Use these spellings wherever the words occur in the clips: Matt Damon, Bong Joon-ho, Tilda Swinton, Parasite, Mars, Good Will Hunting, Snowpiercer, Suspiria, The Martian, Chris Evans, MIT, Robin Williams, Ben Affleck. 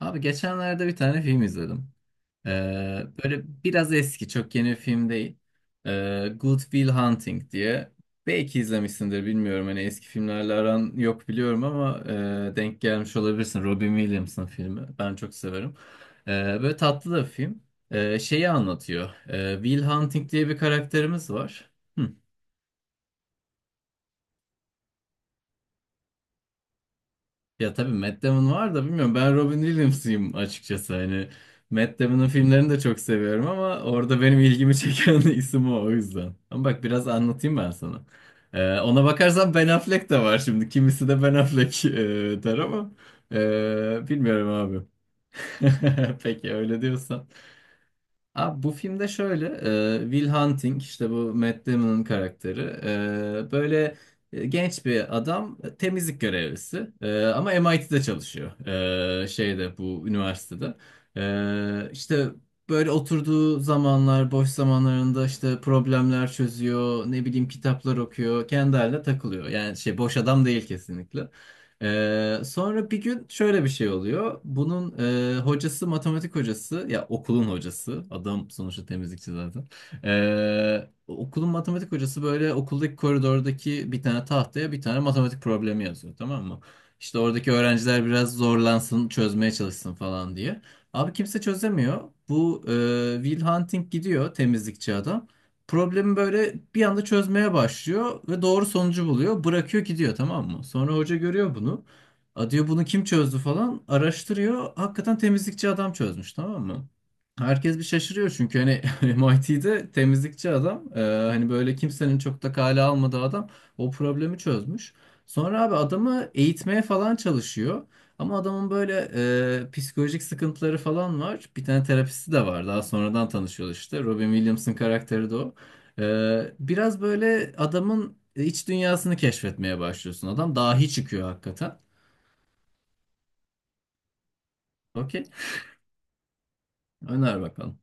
Abi geçenlerde bir tane film izledim. Böyle biraz eski, çok yeni bir film değil. Good Will Hunting diye. Belki izlemişsindir bilmiyorum. Hani eski filmlerle aran yok biliyorum ama denk gelmiş olabilirsin. Robin Williams'ın filmi. Ben çok severim. Ee, Böyle tatlı da bir film. Şeyi anlatıyor. Will Hunting diye bir karakterimiz var. Hı. Ya tabii Matt Damon var da bilmiyorum, ben Robin Williams'ıyım açıkçası. Hani Matt Damon'ın filmlerini de çok seviyorum ama orada benim ilgimi çeken isim o yüzden. Ama bak biraz anlatayım ben sana. Ona bakarsan Ben Affleck de var şimdi, kimisi de Ben Affleck der ama bilmiyorum abi. Peki öyle diyorsan. Abi bu filmde şöyle, Will Hunting işte bu Matt Damon'ın karakteri. Böyle genç bir adam, temizlik görevlisi. Ama MIT'de çalışıyor. Şeyde, bu üniversitede. İşte böyle oturduğu zamanlar, boş zamanlarında işte problemler çözüyor, ne bileyim kitaplar okuyor, kendi haline takılıyor yani. Şey, boş adam değil kesinlikle. Sonra bir gün şöyle bir şey oluyor. Bunun hocası, matematik hocası ya, okulun hocası. Adam sonuçta temizlikçi zaten. Okulun matematik hocası böyle okuldaki koridordaki bir tane tahtaya bir tane matematik problemi yazıyor, tamam mı? İşte oradaki öğrenciler biraz zorlansın, çözmeye çalışsın falan diye. Abi kimse çözemiyor. Bu Will Hunting gidiyor, temizlikçi adam. Problemi böyle bir anda çözmeye başlıyor ve doğru sonucu buluyor. Bırakıyor gidiyor, tamam mı? Sonra hoca görüyor bunu. A diyor, bunu kim çözdü falan, araştırıyor. Hakikaten temizlikçi adam çözmüş, tamam mı? Herkes bir şaşırıyor çünkü hani MIT'de temizlikçi adam, hani böyle kimsenin çok da kale almadığı adam o problemi çözmüş. Sonra abi adamı eğitmeye falan çalışıyor. Ama adamın böyle psikolojik sıkıntıları falan var. Bir tane terapisti de var. Daha sonradan tanışıyorlar işte. Robin Williams'ın karakteri de o. Biraz böyle adamın iç dünyasını keşfetmeye başlıyorsun. Adam dahi çıkıyor hakikaten. Okey. Öner bakalım.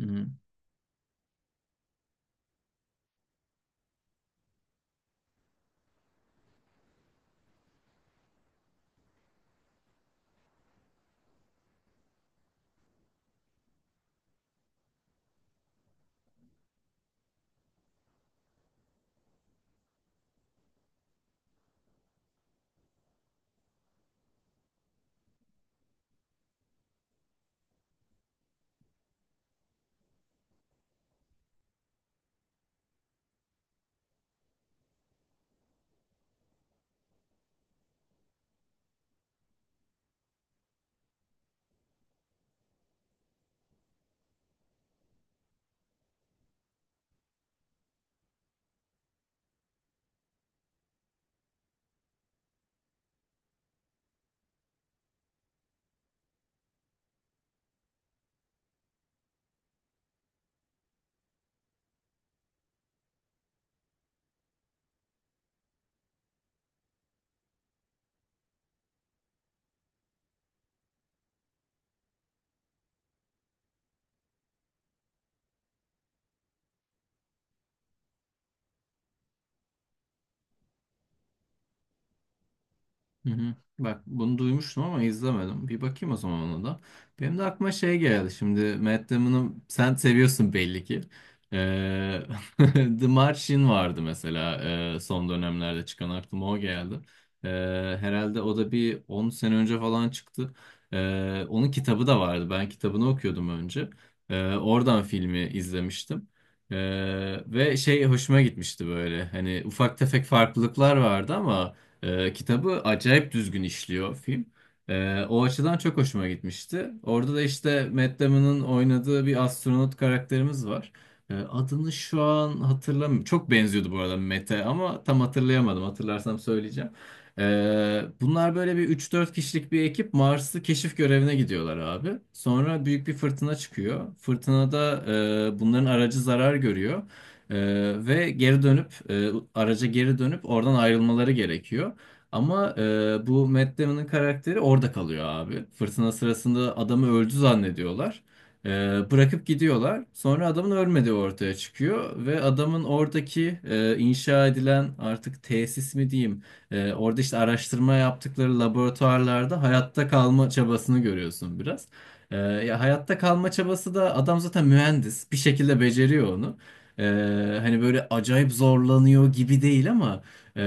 Hı. Hı hı. Bak bunu duymuştum ama izlemedim. Bir bakayım o zaman ona da. Benim de aklıma şey geldi. Şimdi Matt Damon'ı sen seviyorsun belli ki. Ee, The Martian vardı mesela, son dönemlerde çıkan aklıma o geldi. Ee, Herhalde o da bir 10 sene önce falan çıktı. Onun kitabı da vardı. Ben kitabını okuyordum önce. Oradan filmi izlemiştim. Ve şey, hoşuma gitmişti böyle. Hani ufak tefek farklılıklar vardı ama kitabı acayip düzgün işliyor film. O açıdan çok hoşuma gitmişti. Orada da işte Matt Damon'ın oynadığı bir astronot karakterimiz var. Adını şu an hatırlamıyorum. Çok benziyordu bu arada Matt'e ama tam hatırlayamadım. Hatırlarsam söyleyeceğim. Bunlar böyle bir üç dört kişilik bir ekip, Mars'ı keşif görevine gidiyorlar abi. Sonra büyük bir fırtına çıkıyor. Fırtınada bunların aracı zarar görüyor. E, Ve geri dönüp, araca geri dönüp oradan ayrılmaları gerekiyor. Ama bu Matt Damon'ın karakteri orada kalıyor abi. Fırtına sırasında adamı öldü zannediyorlar. E, Bırakıp gidiyorlar. Sonra adamın ölmediği ortaya çıkıyor ve adamın oradaki inşa edilen artık, tesis mi diyeyim? Orada işte araştırma yaptıkları laboratuvarlarda hayatta kalma çabasını görüyorsun biraz. Ya, hayatta kalma çabası da, adam zaten mühendis, bir şekilde beceriyor onu. E, Hani böyle acayip zorlanıyor gibi değil ama.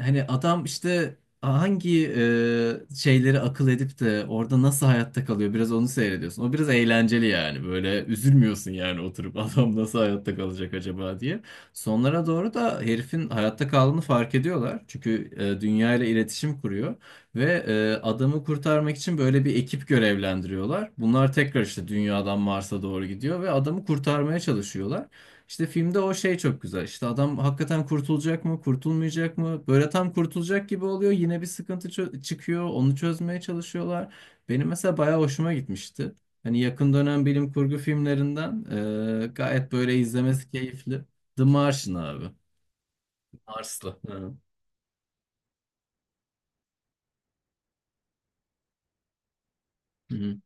Hani adam işte hangi şeyleri akıl edip de orada nasıl hayatta kalıyor, biraz onu seyrediyorsun. O biraz eğlenceli yani. Böyle üzülmüyorsun yani, oturup adam nasıl hayatta kalacak acaba diye. Sonlara doğru da herifin hayatta kaldığını fark ediyorlar. Çünkü dünya ile iletişim kuruyor ve adamı kurtarmak için böyle bir ekip görevlendiriyorlar. Bunlar tekrar işte dünyadan Mars'a doğru gidiyor ve adamı kurtarmaya çalışıyorlar. İşte filmde o şey çok güzel. İşte adam hakikaten kurtulacak mı, kurtulmayacak mı? Böyle tam kurtulacak gibi oluyor. Yine bir sıkıntı çıkıyor. Onu çözmeye çalışıyorlar. Benim mesela bayağı hoşuma gitmişti. Hani yakın dönem bilim kurgu filmlerinden, gayet böyle izlemesi keyifli. The Martian abi. Marslı. Hı. Hı.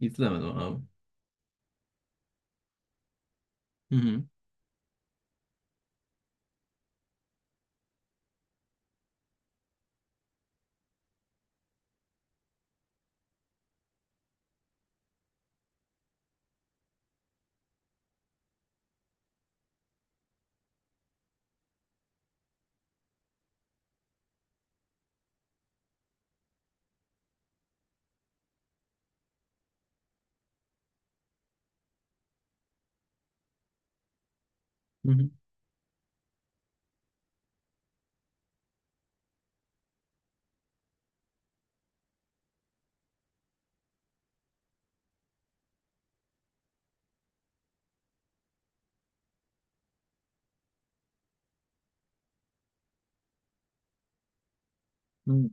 İzlemedim abi. Hı. Hı hı. Hı.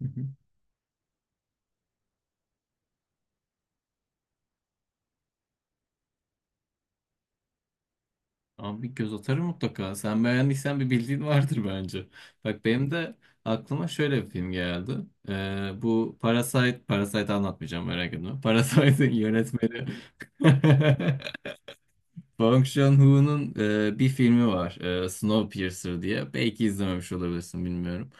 Hı hı. Abi bir göz atarım mutlaka. Sen beğendiysen bir bildiğin vardır bence. Bak benim de aklıma şöyle bir film geldi. Bu Parasite, Parasite anlatmayacağım, merak etme. Parasite'in yönetmeni Bong Joon-ho'nun bir filmi var. Snowpiercer diye. Belki izlememiş olabilirsin, bilmiyorum.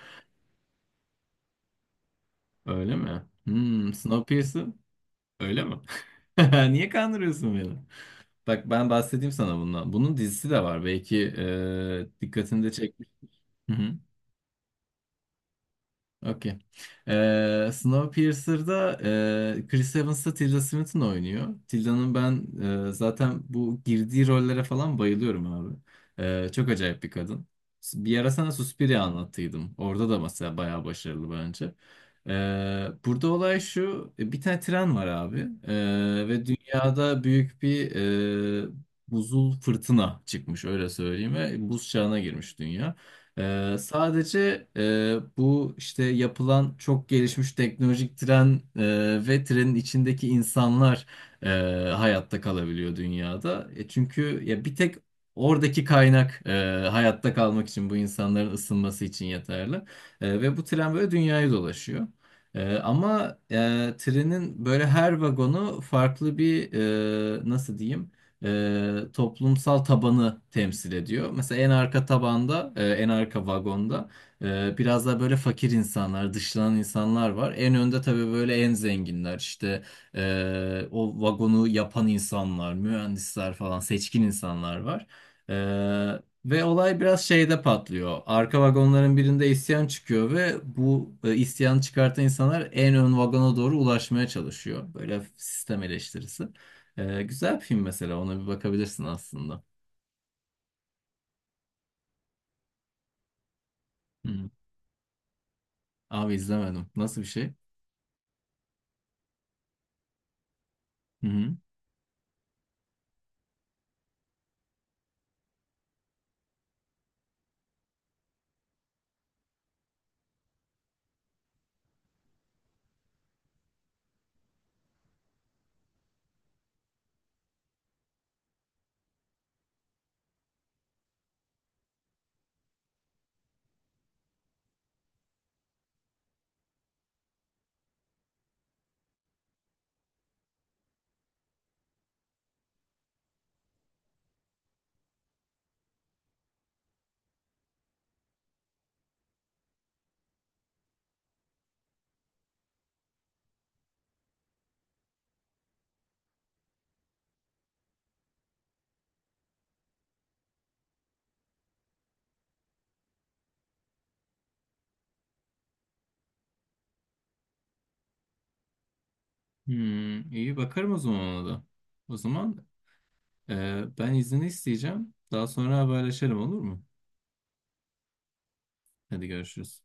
Öyle mi? Hmm, Snowpiercer öyle mi? Niye kandırıyorsun beni? Bak ben bahsedeyim sana bundan. Bunun dizisi de var. Belki dikkatini de çekmiş. Okey. Snowpiercer'da Chris Evans'la Tilda Swinton oynuyor. Tilda'nın ben zaten bu girdiği rollere falan bayılıyorum abi. Çok acayip bir kadın. Bir ara sana Suspiria anlattıydım. Orada da mesela bayağı başarılı bence. Burada olay şu. Bir tane tren var abi. Ve dünyada büyük bir e, buzul fırtına çıkmış, öyle söyleyeyim. Ve buz çağına girmiş dünya. Sadece bu işte yapılan çok gelişmiş teknolojik tren ve trenin içindeki insanlar e, hayatta kalabiliyor dünyada. Çünkü ya, bir tek oradaki kaynak hayatta kalmak için, bu insanların ısınması için yeterli. Ve bu tren böyle dünyayı dolaşıyor. Ama trenin böyle her vagonu farklı bir, nasıl diyeyim? Toplumsal tabanı temsil ediyor. Mesela en arka tabanda, en arka vagonda biraz daha böyle fakir insanlar, dışlanan insanlar var. En önde tabii böyle en zenginler, işte o vagonu yapan insanlar, mühendisler falan, seçkin insanlar var. E, Ve olay biraz şeyde patlıyor. Arka vagonların birinde isyan çıkıyor ve bu isyanı çıkartan insanlar en ön vagona doğru ulaşmaya çalışıyor. Böyle sistem eleştirisi. Güzel bir film mesela. Ona bir bakabilirsin aslında. Hı. Abi izlemedim. Nasıl bir şey? Hı hı. Hmm, iyi bakarım o zaman ona da. O zaman ben izni isteyeceğim. Daha sonra haberleşelim, olur mu? Hadi görüşürüz.